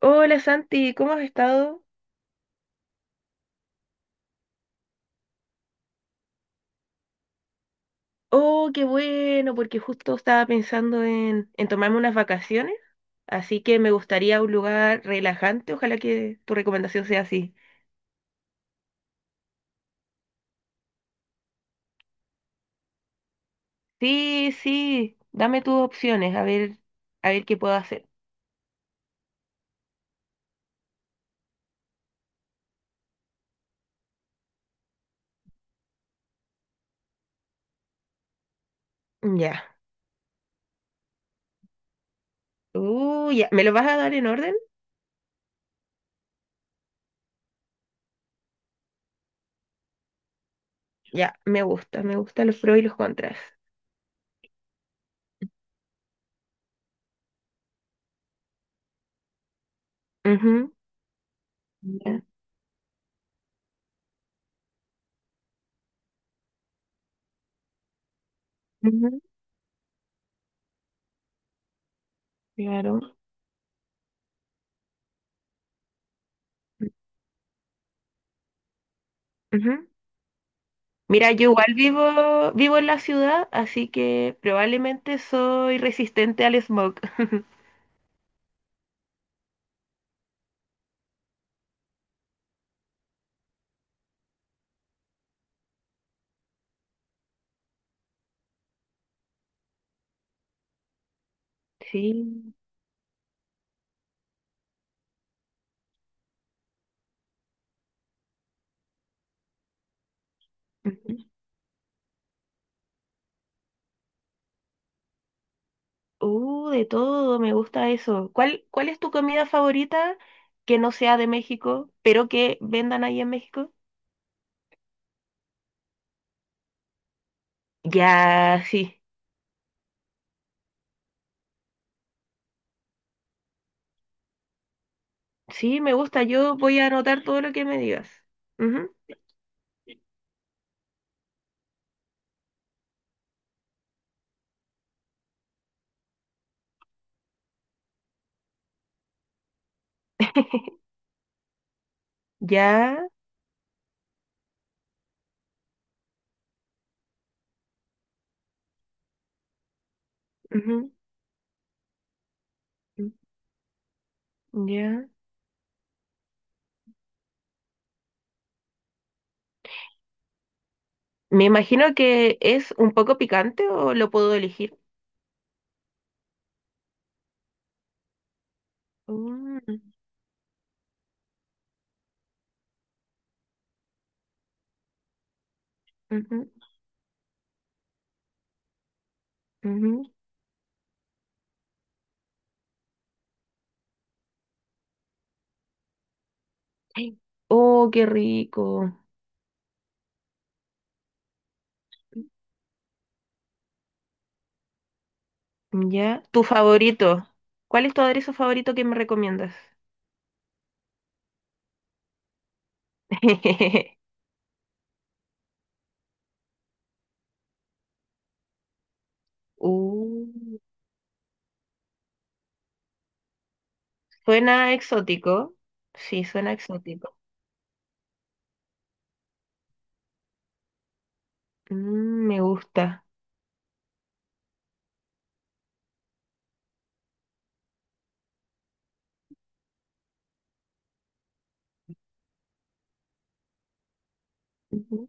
Hola Santi, ¿cómo has estado? Oh, qué bueno, porque justo estaba pensando en tomarme unas vacaciones, así que me gustaría un lugar relajante, ojalá que tu recomendación sea así. Sí, sí, dame tus opciones, a ver qué puedo hacer. Ya. Ya. ¿Me lo vas a dar en orden? Ya, me gusta, me gustan los pros y los contras. Ujú, ya, ujú, claro, ujú. Mira, yo igual vivo en la ciudad, así que probablemente soy resistente al smog. Sí. Ujú. De todo, me gusta eso. ¿Cuál es tu comida favorita que no sea de México, pero que vendan ahí en México? Ya, sí. Sí, me gusta. Yo voy a anotar todo lo que me digas. Ujú. Ya. Ujú. Mm. Ya. Me imagino que es un poco picante o lo puedo elegir. Mm. Ujú, ujú. Ay, oh, qué rico. Ya. Tu favorito. ¿Cuál es tu aderezo favorito que me recomiendas? Uh, Suena exótico. Sí, suena exótico. Mm, me gusta. Ujú.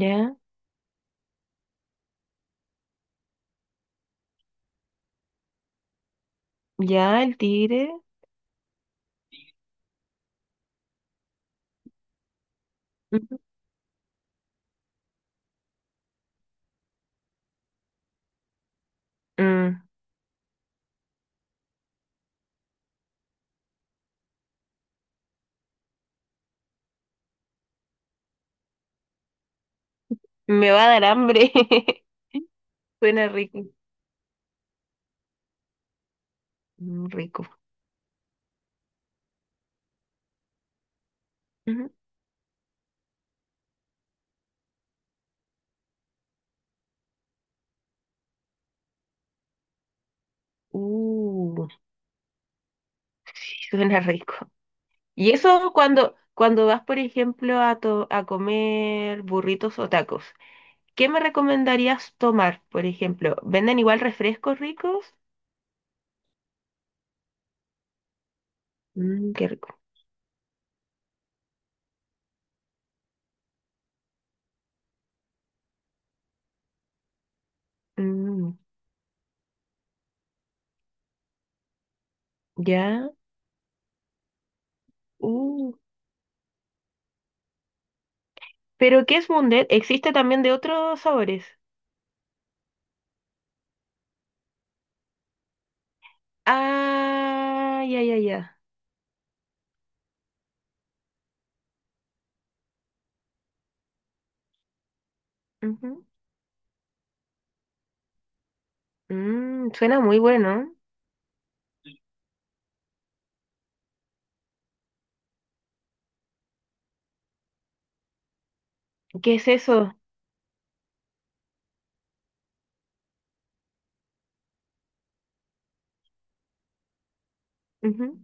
Ya, ya, el tigre. Ujú. Mm, me va a dar hambre. Suena rico. Mm, rico. Ujú. Uh, sí, suena rico. Y eso cuando vas, por ejemplo, a comer burritos o tacos. ¿Qué me recomendarías tomar, por ejemplo? ¿Venden igual refrescos ricos? Mm, qué rico. Mm, ya. Uh. ¿Pero qué es Mundet? ¿Existe también de otros sabores? Ah, ya, ya, ya. Ujú. Mm, suena muy bueno. ¿Qué es eso? Ujú.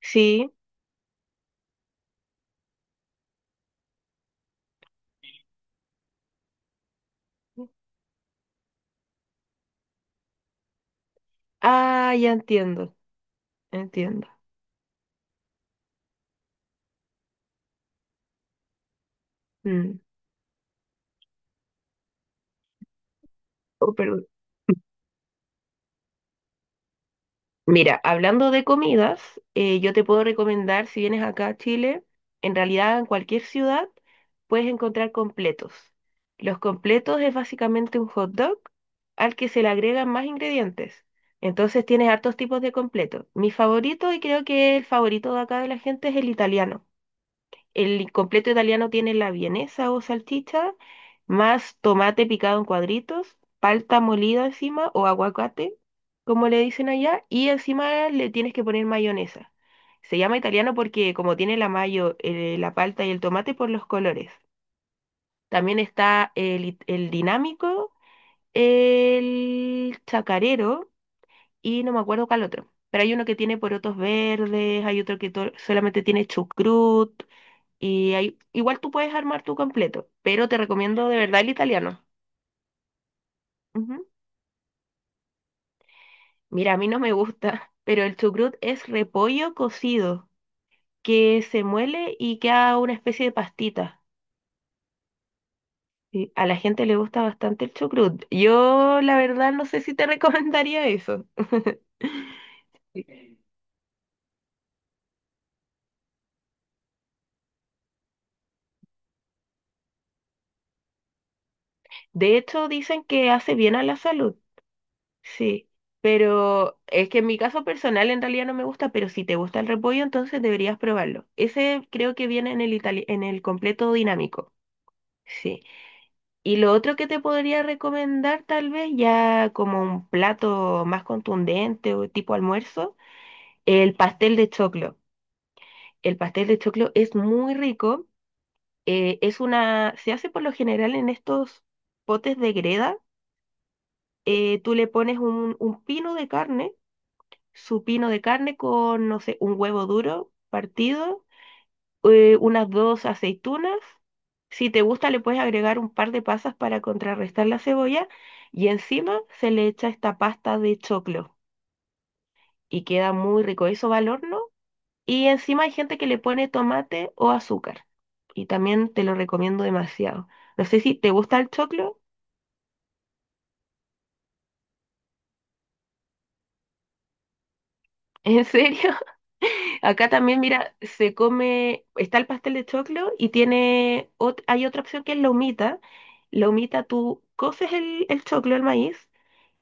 Sí. Ah, ya entiendo. Entiendo. Mm. Oh, perdón. Mira, hablando de comidas, yo te puedo recomendar, si vienes acá a Chile, en realidad en cualquier ciudad puedes encontrar completos. Los completos es básicamente un hot dog al que se le agregan más ingredientes. Entonces tienes hartos tipos de completos. Mi favorito y creo que el favorito de acá de la gente es el italiano. El completo italiano tiene la vienesa o salchicha, más tomate picado en cuadritos, palta molida encima o aguacate, como le dicen allá, y encima le tienes que poner mayonesa. Se llama italiano porque como tiene la mayo, la palta y el tomate por los colores. También está el dinámico, el chacarero y no me acuerdo cuál otro. Pero hay uno que tiene porotos verdes, hay otro que solamente tiene chucrut. Y ahí, igual tú puedes armar tu completo, pero te recomiendo de verdad el italiano. Ujú. Mira, a mí no me gusta, pero el chucrut es repollo cocido, que se muele y queda una especie de pastita. Y a la gente le gusta bastante el chucrut. Yo, la verdad, no sé si te recomendaría eso. De hecho, dicen que hace bien a la salud. Sí, pero es que en mi caso personal en realidad no me gusta, pero si te gusta el repollo, entonces deberías probarlo. Ese creo que viene en en el completo dinámico. Sí. Y lo otro que te podría recomendar, tal vez ya como un plato más contundente o tipo almuerzo, el pastel de choclo. El pastel de choclo es muy rico. Es una, se hace por lo general en estos potes de greda. Tú le pones un pino de carne, su pino de carne con, no sé, un huevo duro partido, unas dos aceitunas. Si te gusta, le puedes agregar un par de pasas para contrarrestar la cebolla y encima se le echa esta pasta de choclo y queda muy rico. Eso va al horno y encima hay gente que le pone tomate o azúcar y también te lo recomiendo demasiado. No sé si te gusta el choclo, ¿en serio? Acá también, mira, se come, está el pastel de choclo y tiene, hay otra opción que es la humita. La humita, tú coces el choclo, el maíz,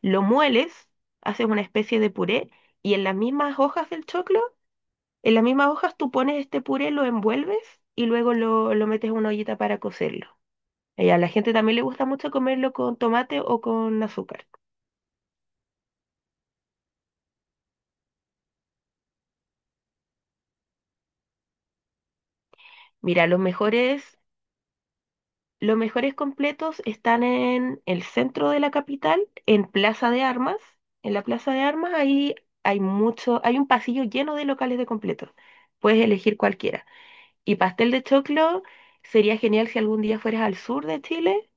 lo mueles, haces una especie de puré y en las mismas hojas del choclo, en las mismas hojas tú pones este puré, lo envuelves y luego lo metes en una ollita para cocerlo. Y a la gente también le gusta mucho comerlo con tomate o con azúcar. Mira, los mejores los mejores completos están en el centro de la capital, en Plaza de Armas. En la Plaza de Armas ahí hay mucho, hay un pasillo lleno de locales de completos. Puedes elegir cualquiera. Y pastel de choclo sería genial si algún día fueras al sur de Chile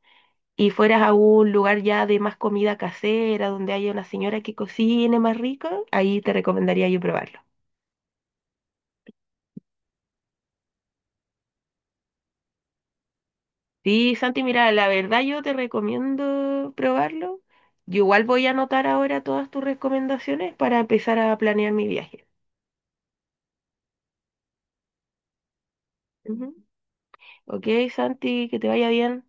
y fueras a un lugar ya de más comida casera, donde haya una señora que cocine más rico. Ahí te recomendaría yo probarlo. Sí, Santi, mira, la verdad yo te recomiendo probarlo. Yo igual voy a anotar ahora todas tus recomendaciones para empezar a planear mi viaje. Ujú. Ok, Santi, que te vaya bien.